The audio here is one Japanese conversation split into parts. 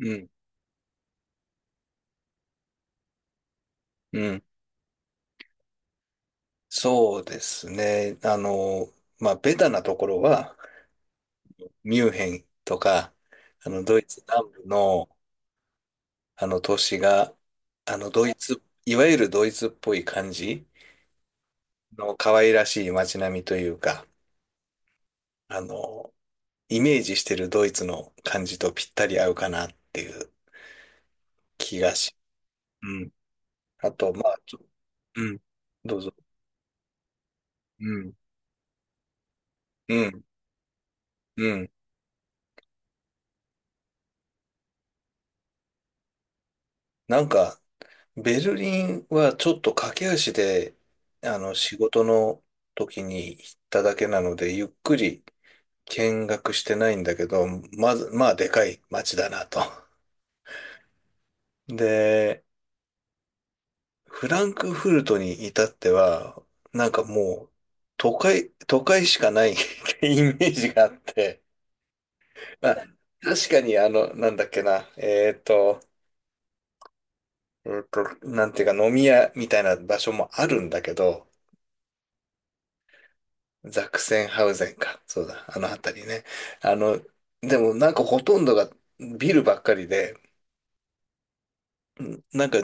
うん、うん。そうですね。まあ、ベタなところは、ミュンヘンとか、ドイツ南部の、都市が、ドイツ、いわゆるドイツっぽい感じの可愛らしい街並みというか、あの、イメージしてるドイツの感じとぴったり合うかなっていう気がし、うん。あと、まあ、うん。どうぞ。うん。うん。うん。なんか、ベルリンはちょっと駆け足で、仕事の時に行っただけなので、ゆっくり見学してないんだけど、まず、まあ、でかい街だなと。で、フランクフルトに至っては、なんかもう、都会しかない ってイメージがあって、まあ、確かになんだっけな、なんていうか飲み屋みたいな場所もあるんだけど、ザクセンハウゼンか。そうだ。あの辺りね。あの、でもなんかほとんどがビルばっかりで、うんなんか、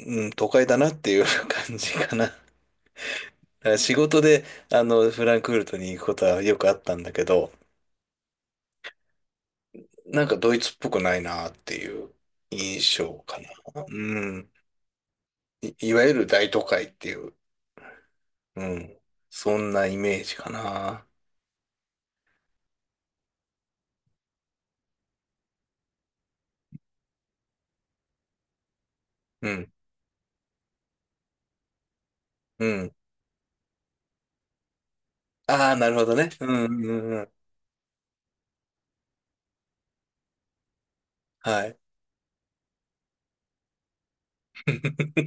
うん、都会だなっていう感じかな。だから仕事で、フランクフルトに行くことはよくあったんだけど、なんかドイツっぽくないなっていう印象かな。うん。いわゆる大都会っていう、うん。そんなイメージかな。うん、うん。ああ、なるほどね。うん、うん、うん。はい。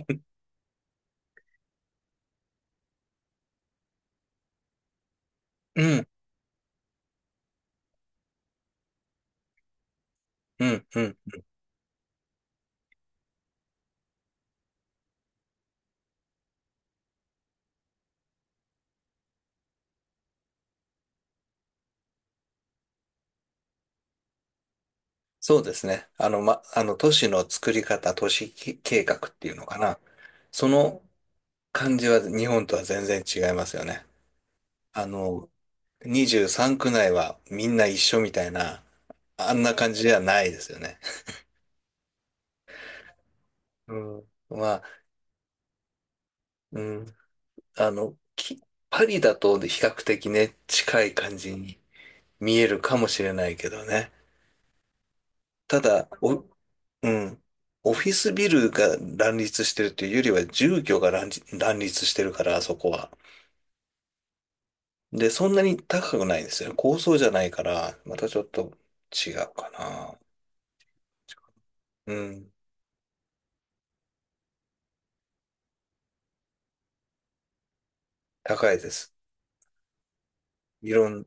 うん、うん、うん。そうですね。あの、ま、あの、都市の作り方、都市き計画っていうのかな。その感じは日本とは全然違いますよね。あの、23区内はみんな一緒みたいな、あんな感じではないですよね。うん。まあ、うん。あの、き、パリだと比較的ね、近い感じに見えるかもしれないけどね。ただ、うん。オフィスビルが乱立してるというよりは住居が乱立してるから、あそこは。で、そんなに高くないんですよね。高層じゃないから、またちょっと違うかな。うん。高いです。いろん、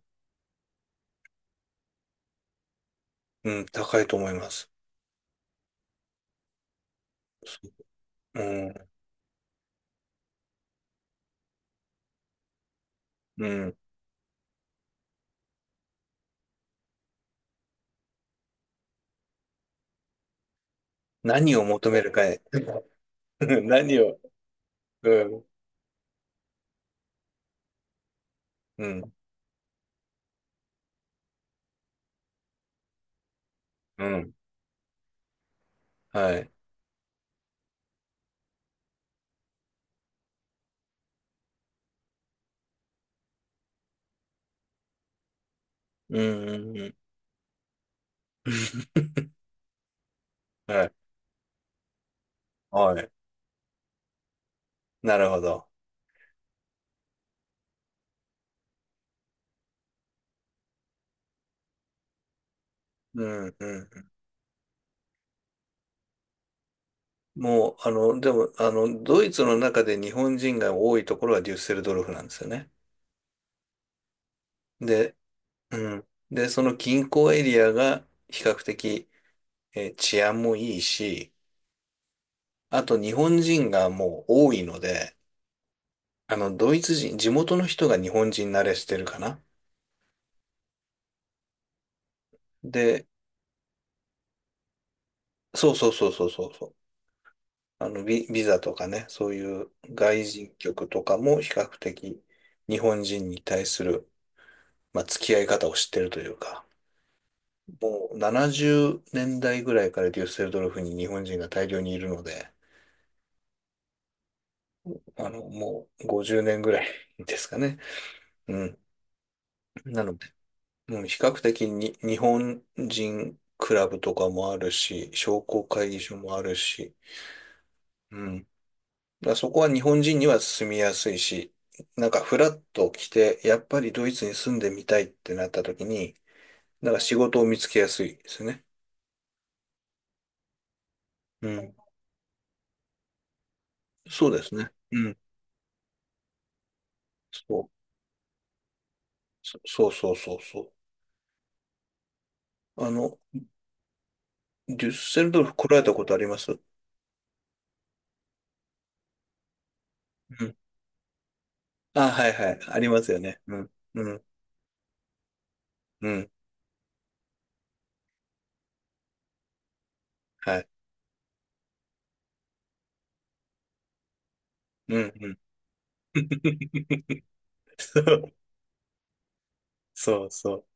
うん、高いと思います。うん、うん。何を求めるかへ。何を、うん、うん、うん。はい。うん、うん、うん。はい。はい。なるほど。うん、うん。もう、でも、ドイツの中で日本人が多いところはデュッセルドルフなんですよね。で、うん。で、その近郊エリアが比較的、治安もいいし、あと日本人がもう多いので、ドイツ人、地元の人が日本人慣れしてるかな。で、そうそうそうそうそうそう。ビザとかね、そういう外人局とかも比較的日本人に対する、まあ、付き合い方を知ってるというか。もう70年代ぐらいからデュッセルドルフに日本人が大量にいるので、もう50年ぐらいですかね。うん。なので、もうん比較的に日本人クラブとかもあるし、商工会議所もあるし、うん。だからそこは日本人には住みやすいし、なんかフラッと来て、やっぱりドイツに住んでみたいってなった時に、なんか仕事を見つけやすいですね。うん。そうですね。うん。そう。そうそうそうそう。あの、デュッセルドルフ来られたことあります？うん。あ、はいはい。ありますよね。うん。うん。うん。はい。うん。うん。そうそうそ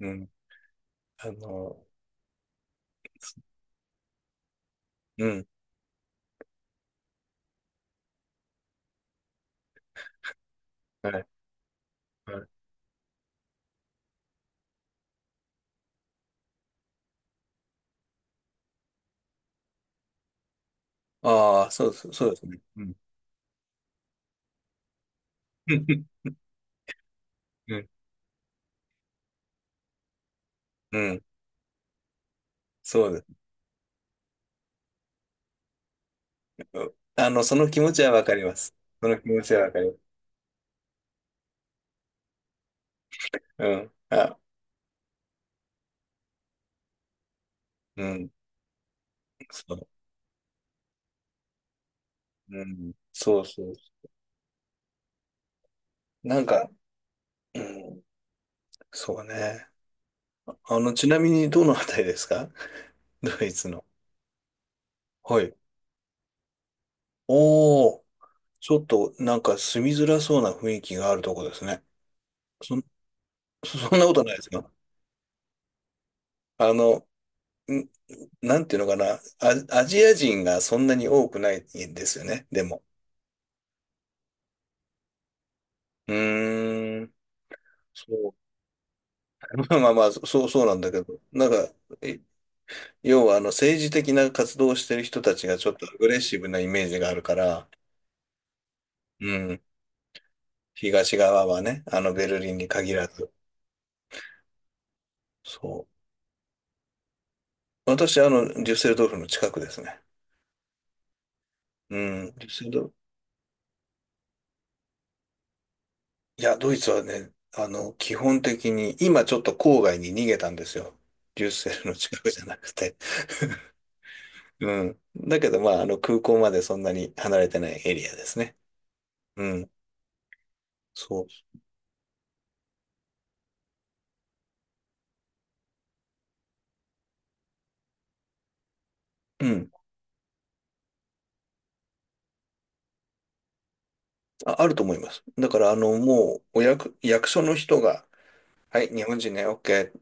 う。うん。あの、うん。はい。はい。ああ、そうそうそうですね。うん。うん。うん。そうですね。うんその気持ちはわかります。その気持ちはわかります。うん。あ、うん。そう。うん。そうそう。なんか、うん。そうね。ちなみにどのあたりですか？ ドイツの。はい。おー、ちょっとなんか住みづらそうな雰囲気があるとこですね。そん、そ んなことないですか？あの、ん、なんていうのかな、アジア人がそんなに多くないんですよね、でも。うーん、そう。まあまあまあ、そう、そうなんだけど、なんか、え要はあの政治的な活動をしてる人たちがちょっとアグレッシブなイメージがあるから、うん、東側はね、あのベルリンに限らず。そう。私、デュッセルドルフの近くですね。うん。デュッセルドいや、ドイツはね、基本的に、今ちょっと郊外に逃げたんですよ。デュッセルの近くじゃなくて。うん。だけど、まあ、空港までそんなに離れてないエリアですね。うん。そう。うん。あると思います。だから、もう、役所の人が、はい、日本人ね、OK、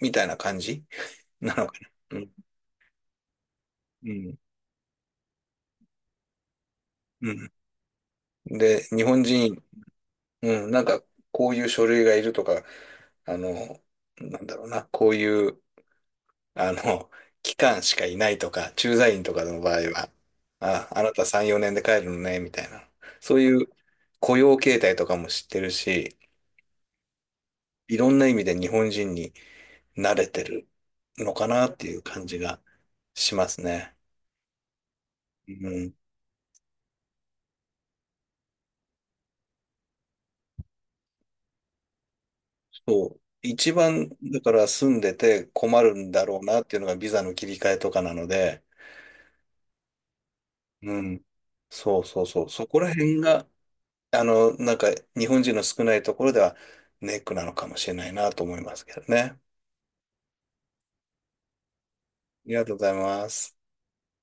みたいな感じなのかな。うん。うん。うん。で、日本人、うん、なんか、こういう書類がいるとか、あの、なんだろうな、こういう、あの、期間しかいないとか、駐在員とかの場合は、あなた3、4年で帰るのね、みたいな。そういう雇用形態とかも知ってるし、いろんな意味で日本人に慣れてるのかなっていう感じがしますね。うん、そう。一番、だから住んでて困るんだろうなっていうのがビザの切り替えとかなので、うん。そうそうそう。そこら辺がなんか、日本人の少ないところではネックなのかもしれないなと思いますけどね。ありがとうございます。